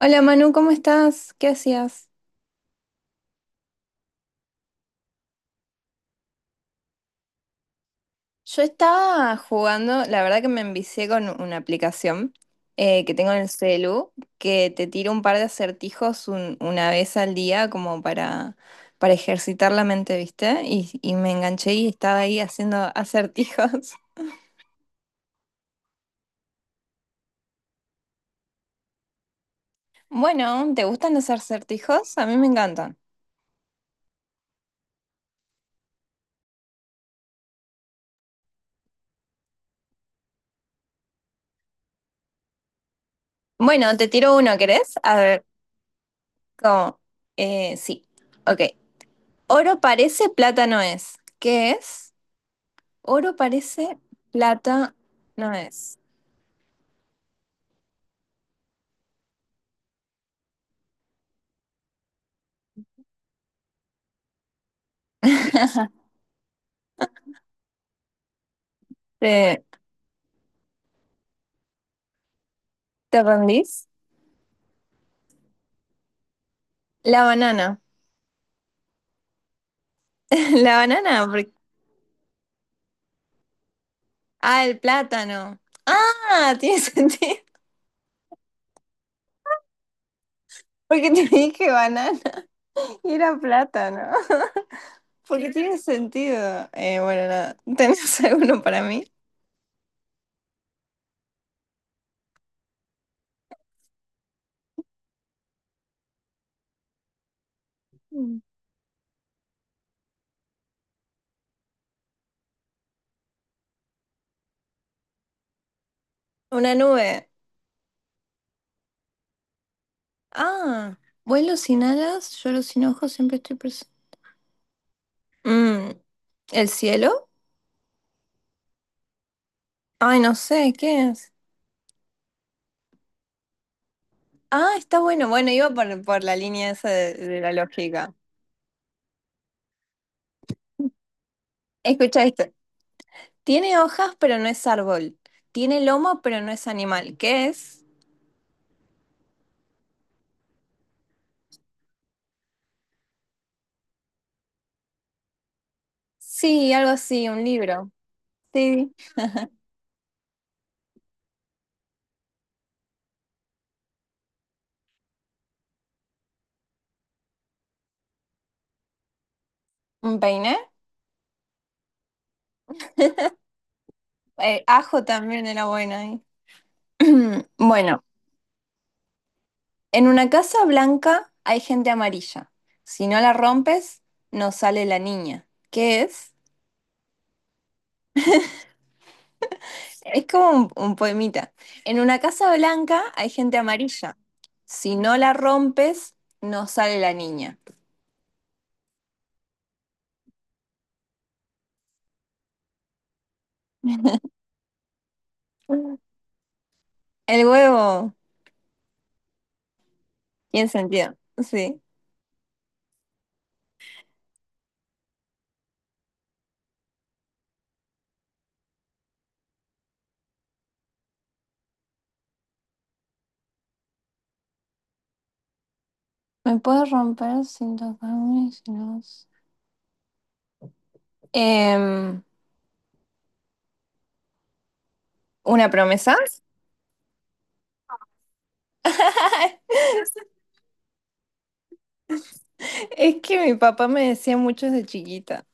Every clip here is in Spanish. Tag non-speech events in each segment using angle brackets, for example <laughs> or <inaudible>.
Hola Manu, ¿cómo estás? ¿Qué hacías? Yo estaba jugando, la verdad que me envicié con una aplicación que tengo en el celu, que te tira un par de acertijos una vez al día como para ejercitar la mente, ¿viste? Y me enganché y estaba ahí haciendo acertijos. <laughs> Bueno, ¿te gustan los acertijos? A mí me encantan. Bueno, te tiro uno, ¿querés? A ver, ¿cómo? Sí, ok. Oro parece, plata no es. ¿Qué es? Oro parece, plata no es. <laughs> ¿Te, ¿te rendís? La banana. <laughs> La banana. Ah, el plátano. Ah, tiene sentido. <laughs> Porque te dije banana y era plátano. <laughs> Porque tiene sentido. Bueno, nada. <laughs> ¿Tenés alguno para mí? Mm. Una nube. Ah, vuelo sin alas, lloro sin ojos, siempre estoy presente. Mm, ¿el cielo? Ay, no sé, ¿qué es? Ah, está bueno. Bueno, iba por la línea esa de la lógica. Escucha esto. Tiene hojas, pero no es árbol. Tiene lomo, pero no es animal. ¿Qué es? Sí, algo así, un libro. Sí. ¿Un peine? Ajo también era bueno ahí. <clears throat> Bueno, en una casa blanca hay gente amarilla. Si no la rompes, no sale la niña. ¿Qué es? Es como un poemita. En una casa blanca hay gente amarilla. Si no la rompes, no sale la niña. El huevo tiene sentido. Sí. ¿Me puedo romper sin tocarme? Si Em, ¿una promesa? <laughs> Es que mi papá me decía mucho desde chiquita.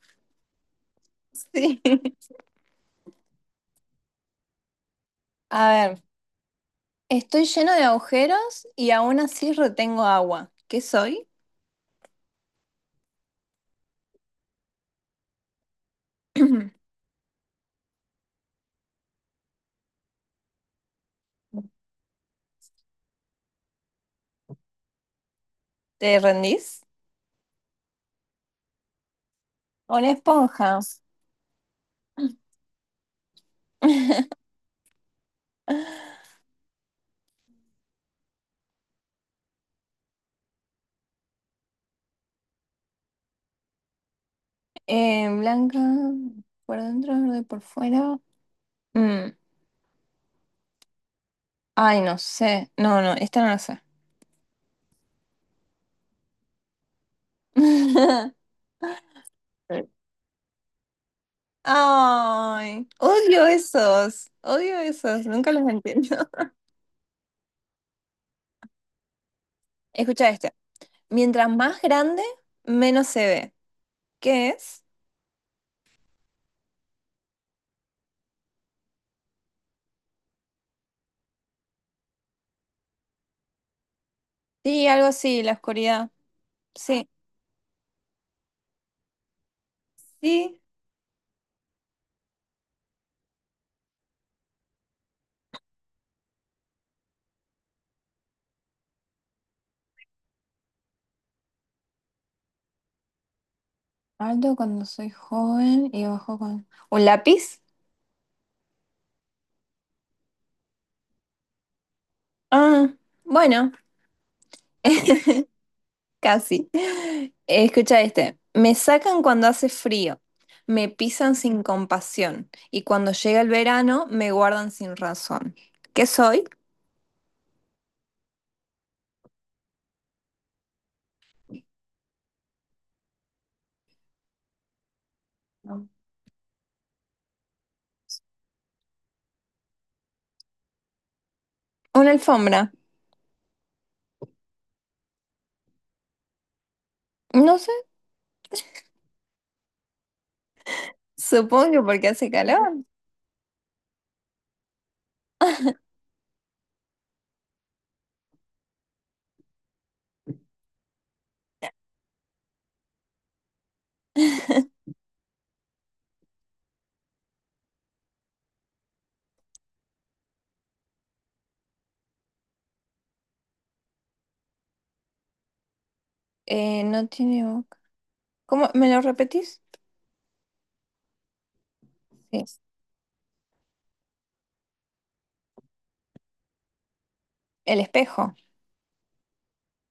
Sí. A ver, estoy lleno de agujeros y aún así retengo agua. ¿Qué soy? <clears throat> ¿Te rendís? Una esponja. <laughs> Blanca por dentro, verde por fuera. Mm, ay, no sé. No, esta no la sé. <laughs> Ay, odio esos. Odio esos. Nunca los entiendo. <laughs> Escucha este. Mientras más grande, menos se ve. ¿Qué es? Sí, algo así, la oscuridad. Sí, sí. Alto cuando soy joven y bajo cuando... ¿Un lápiz? Ah, bueno. Casi. Escucha este. Me sacan cuando hace frío, me pisan sin compasión y cuando llega el verano me guardan sin razón. ¿Qué soy? No. Una alfombra. No sé, supongo que porque hace calor. No tiene boca. ¿Cómo? ¿Me lo repetís? Sí. El espejo.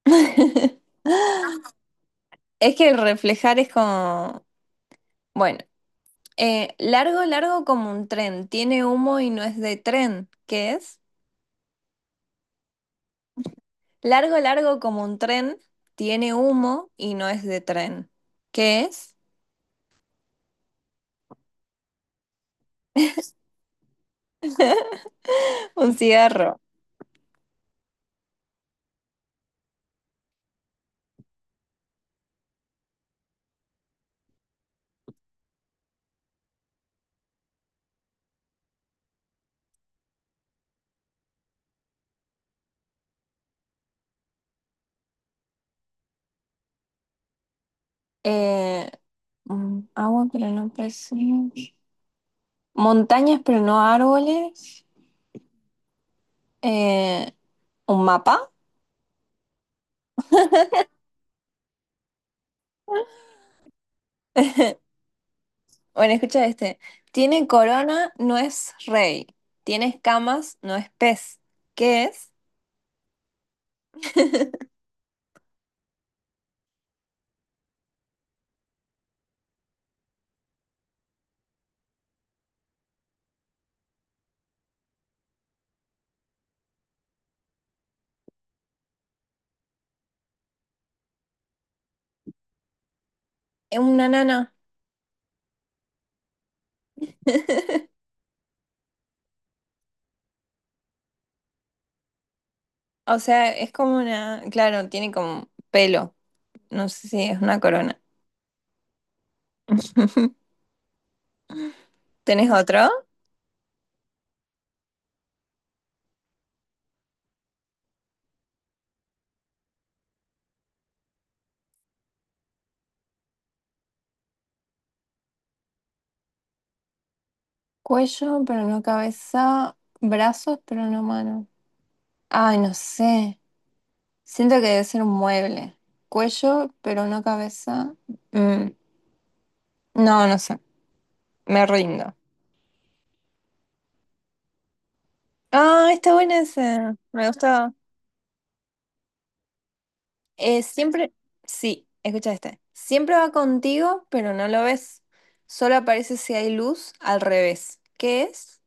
<laughs> Es que el reflejar es como... Bueno, largo, largo como un tren. Tiene humo y no es de tren. ¿Qué es? Largo, largo como un tren, tiene humo y no es de tren. ¿Qué es? <laughs> Un cigarro. Eh, mm, agua, pero no pez. Montañas, pero no árboles. Eh, ¿Un mapa? Bueno, escucha este. Tiene corona, no es rey. Tiene escamas, no es pez. ¿Qué es? Es una nana. <laughs> O sea, es como una... Claro, tiene como pelo. No sé si es una corona. <laughs> ¿Tenés otro? Cuello, pero no cabeza. Brazos, pero no mano. Ay, no sé. Siento que debe ser un mueble. Cuello, pero no cabeza. Mm, no, no sé. Me rindo. Ah, está bueno ese. Me gustaba. Siempre, sí, escucha este. Siempre va contigo, pero no lo ves. Solo aparece si hay luz al revés. ¿Qué es?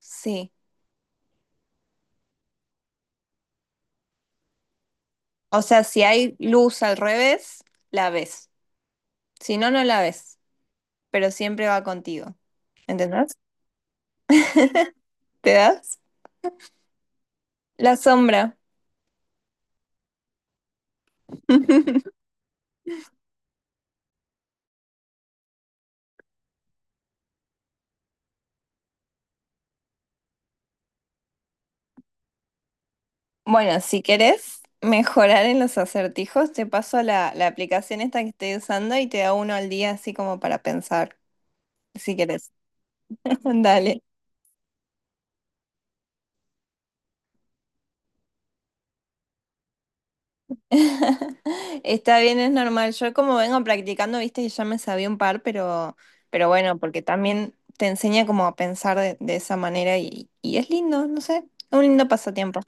Sí. O sea, si hay luz al revés, la ves. Si no, no la ves. Pero siempre va contigo. ¿Entendés? ¿Te das? La sombra. <laughs> Bueno, si querés mejorar en los acertijos, te paso la aplicación esta que estoy usando y te da uno al día así como para pensar, si querés. <laughs> Dale. <laughs> Está bien, es normal. Yo como vengo practicando, viste que ya me sabía un par, pero bueno, porque también te enseña como a pensar de esa manera y es lindo, no sé, es un lindo pasatiempo.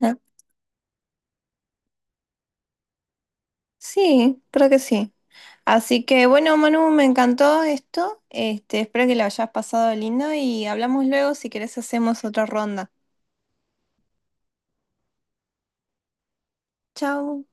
<laughs> Sí, creo que sí. Así que bueno, Manu, me encantó esto. Este, espero que lo hayas pasado lindo y hablamos luego si querés hacemos otra ronda. Chau.